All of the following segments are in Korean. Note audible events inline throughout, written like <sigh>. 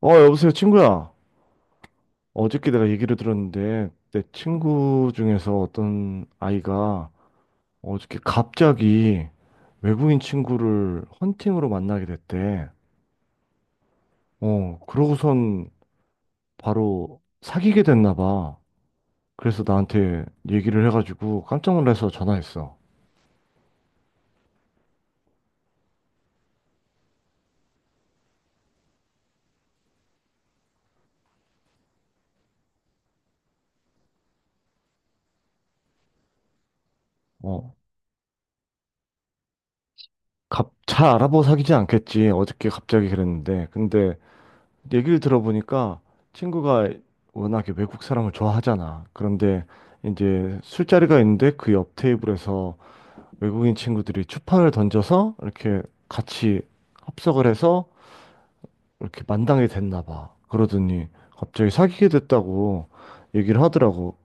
여보세요, 친구야. 어저께 내가 얘기를 들었는데, 내 친구 중에서 어떤 아이가 어저께 갑자기 외국인 친구를 헌팅으로 만나게 됐대. 그러고선 바로 사귀게 됐나 봐. 그래서 나한테 얘기를 해가지고 깜짝 놀라서 전화했어. 어, 잘 알아보고 사귀지 않겠지. 어저께 갑자기 그랬는데. 근데 얘기를 들어보니까 친구가 워낙에 외국 사람을 좋아하잖아. 그런데 이제 술자리가 있는데 그 옆 테이블에서 외국인 친구들이 추판을 던져서 이렇게 같이 합석을 해서 이렇게 만당이 됐나 봐. 그러더니 갑자기 사귀게 됐다고 얘기를 하더라고.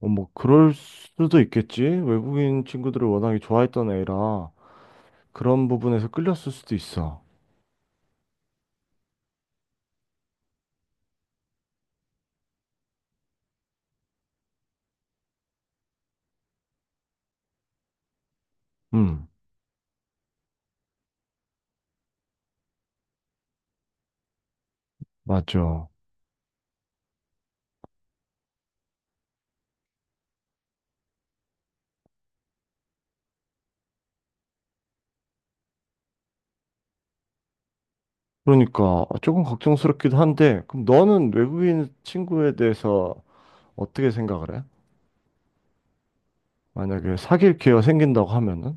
어, 뭐 그럴 수도 있겠지. 외국인 친구들을 워낙에 좋아했던 애라 그런 부분에서 끌렸을 수도 있어. 음, 맞아. 그러니까 아, 조금 걱정스럽기도 한데, 그럼 너는 외국인 친구에 대해서 어떻게 생각을 해? 만약에 사귈 기회가 생긴다고 하면은,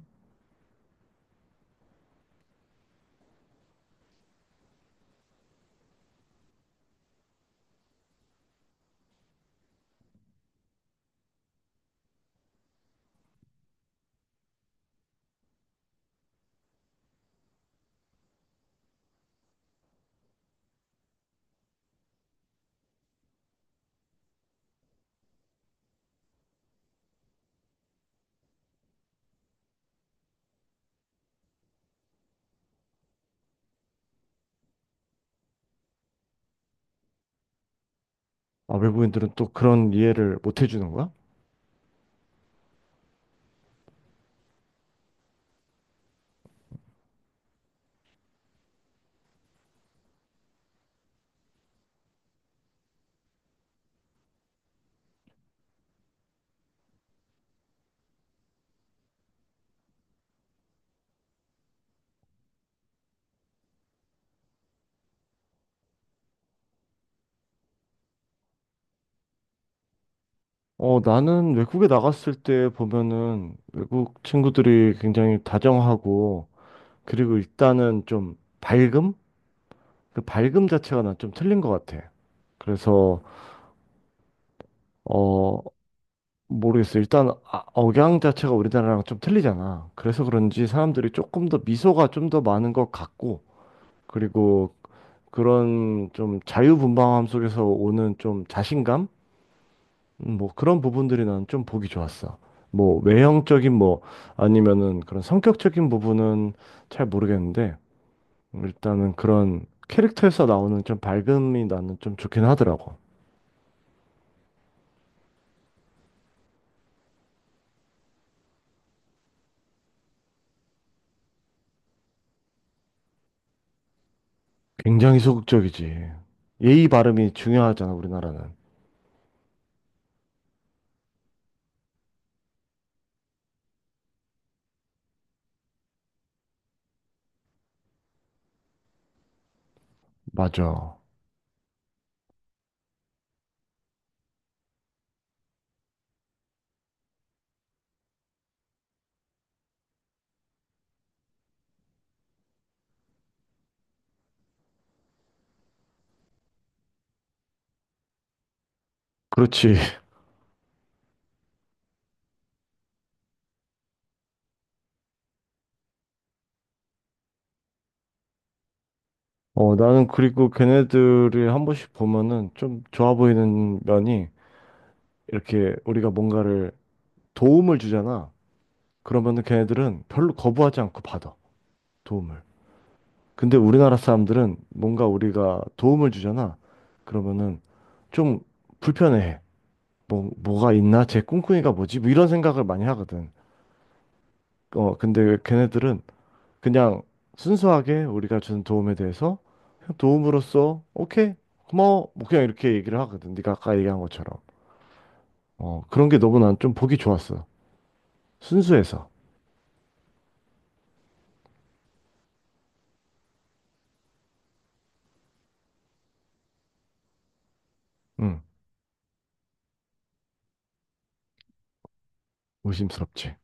아, 외국인들은 또 그런 이해를 못 해주는 거야? 어, 나는 외국에 나갔을 때 보면은 외국 친구들이 굉장히 다정하고, 그리고 일단은 좀 밝음? 그 밝음 자체가 난 좀 틀린 것 같아. 그래서, 어... 모르겠어. 억양 자체가 우리나라랑 좀 틀리잖아. 그래서 그런지 사람들이 조금 더 미소가 좀 더 많은 것 같고, 그리고 그런 좀 자유분방함 속에서 오는 좀 자신감? 뭐 그런 부분들이 난 좀 보기 좋았어. 뭐 외형적인 뭐 아니면은 그런 성격적인 부분은 잘 모르겠는데, 일단은 그런 캐릭터에서 나오는 좀 밝음이 나는 좀 좋긴 하더라고. 굉장히 소극적이지. 예의 바름이 중요하잖아, 우리나라는. 맞아. 그렇지. <laughs> 어, 나는 그리고 걔네들이 한 번씩 보면은 좀 좋아 보이는 면이 이렇게 우리가 뭔가를 도움을 주잖아. 그러면은 걔네들은 별로 거부하지 않고 받아. 도움을. 근데 우리나라 사람들은 뭔가 우리가 도움을 주잖아. 그러면은 좀 불편해해. 뭐, 뭐가 있나? 쟤 꿍꿍이가 뭐지? 뭐 이런 생각을 많이 하거든. 어, 근데 걔네들은 그냥 순수하게 우리가 준 도움에 대해서 그냥 도움으로써 오케이 고마워 뭐 그냥 이렇게 얘기를 하거든. 네가 아까 얘기한 것처럼 어 그런 게 너무 난 좀 보기 좋았어. 순수해서. 응. 의심스럽지.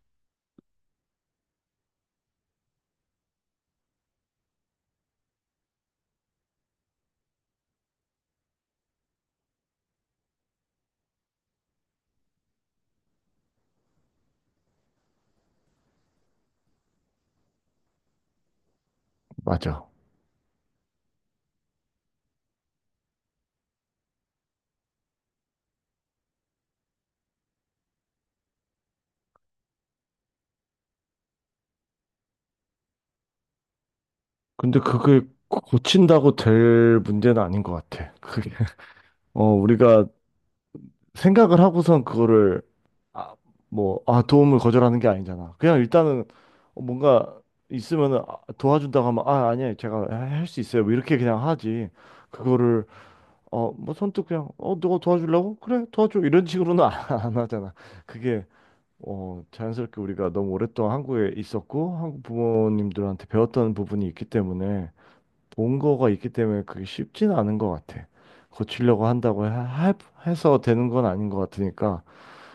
맞아. 근데 그게 고친다고 될 문제는 아닌 것 같아 그게. <laughs> 어 우리가 생각을 하고선 그거를 아, 뭐, 아, 도움을 거절하는 게 아니잖아. 그냥 일단은 뭔가 있으면은 아, 도와준다고 하면 아, 아니에요. 제가 할 수 있어요. 뭐 이렇게 그냥 하지. 그거를 어, 뭐 선뜻 그냥 어, 너가 도와주려고? 그래, 도와줘. 이런 식으로는 <laughs> 안 하잖아. 그게 어, 자연스럽게 우리가 너무 오랫동안 한국에 있었고 한국 부모님들한테 배웠던 부분이 있기 때문에 본 거가 있기 때문에 그게 쉽지는 않은 것 같아. 고치려고 한다고 하, 하- 해서 되는 건 아닌 것 같으니까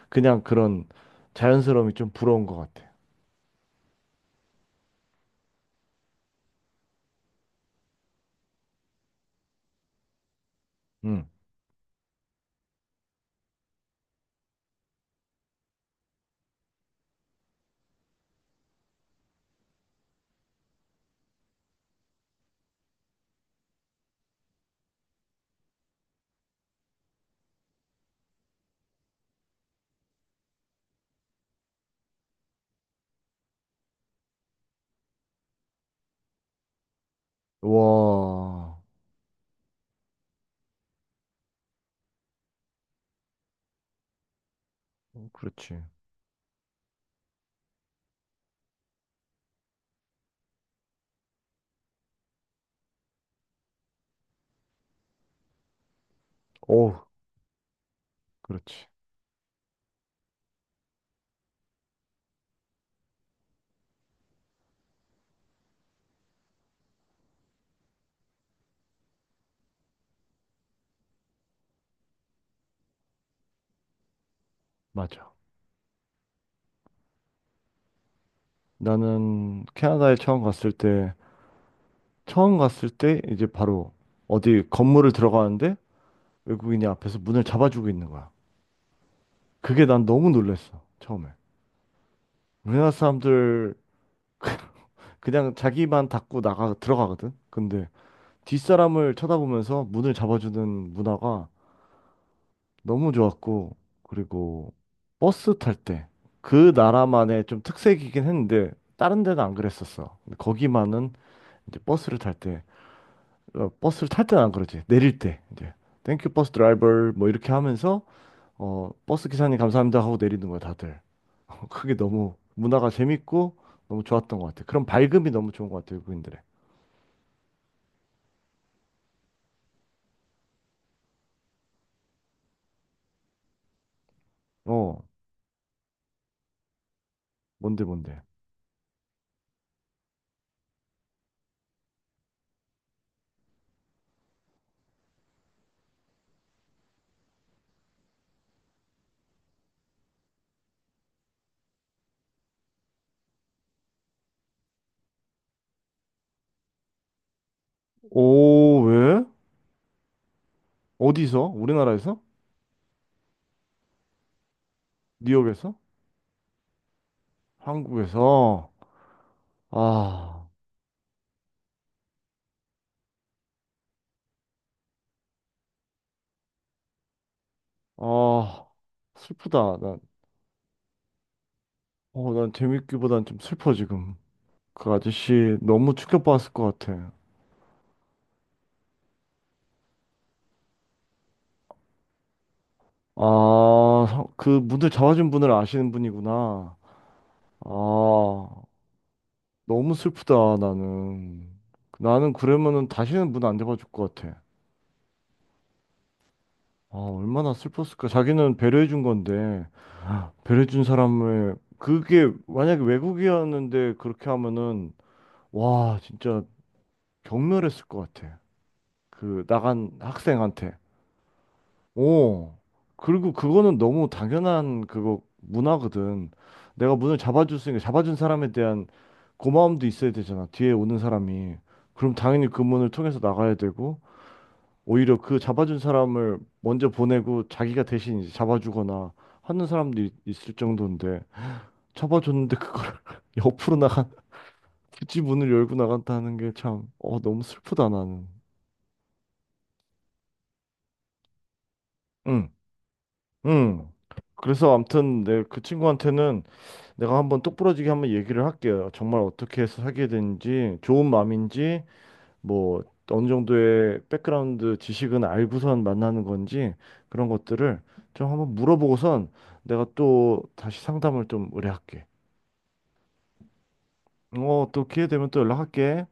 그냥 그런 자연스러움이 좀 부러운 것 같아. 응. 와, 그렇지. 오, 그렇지. 맞아. 나는 캐나다에 처음 갔을 때, 처음 갔을 때 이제 바로 어디 건물을 들어가는데 외국인이 앞에서 문을 잡아주고 있는 거야. 그게 난 너무 놀랬어, 처음에. 우리나라 사람들 <laughs> 그냥 자기만 닫고 나가 들어가거든. 근데 뒷사람을 쳐다보면서 문을 잡아주는 문화가 너무 좋았고, 그리고 버스 탈 때, 그 나라만의 좀 특색이긴 했는데, 다른 데는 안 그랬었어. 근데 거기만은 이제 버스를 탈 때, 어, 버스를 탈 때는 안 그러지. 내릴 때, 이제, 땡큐 버스 드라이버, 뭐 이렇게 하면서, 어, 버스 기사님 감사합니다 하고 내리는 거야, 다들. <laughs> 그게 너무 문화가 재밌고, 너무 좋았던 것 같아. 그런 밝음이 너무 좋은 것 같아, 외국인들의. 어, 뭔데, 뭔데. 오, 왜? 어디서? 우리나라에서? 뉴욕에서? 한국에서? 아, 아, 슬프다. 난, 어, 난 재밌기보단 좀 슬퍼, 지금. 그 아저씨 너무 충격받았을 것 같아. 그 문을 잡아준 분을 아시는 분이구나. 아, 너무 슬프다, 나는. 나는 그러면은 다시는 문 안 잡아줄 것 같아. 아, 얼마나 슬펐을까. 자기는 배려해준 건데, 배려해준 사람을, 그게 만약에 외국이었는데 그렇게 하면은, 와, 진짜 경멸했을 것 같아. 그 나간 학생한테. 오. 그리고 그거는 너무 당연한 그거 문화거든. 내가 문을 잡아줄 수 있으니까 잡아준 사람에 대한 고마움도 있어야 되잖아. 뒤에 오는 사람이. 그럼 당연히 그 문을 통해서 나가야 되고 오히려 그 잡아준 사람을 먼저 보내고 자기가 대신 이제 잡아주거나 하는 사람도 있을 정도인데 잡아줬는데 그걸 <laughs> 옆으로 나간 굳이 문을 열고 나간다는 게 참, 어, 너무 슬프다 나는. 응. 음. 그래서 아무튼 내 그 친구한테는 내가 한번 똑부러지게 한번 얘기를 할게요. 정말 어떻게 해서 사귀게 된지, 좋은 마음인지, 뭐 어느 정도의 백그라운드 지식은 알고선 만나는 건지 그런 것들을 좀 한번 물어보고선 내가 또 다시 상담을 좀 의뢰할게. 어, 또 기회 되면 또 연락할게.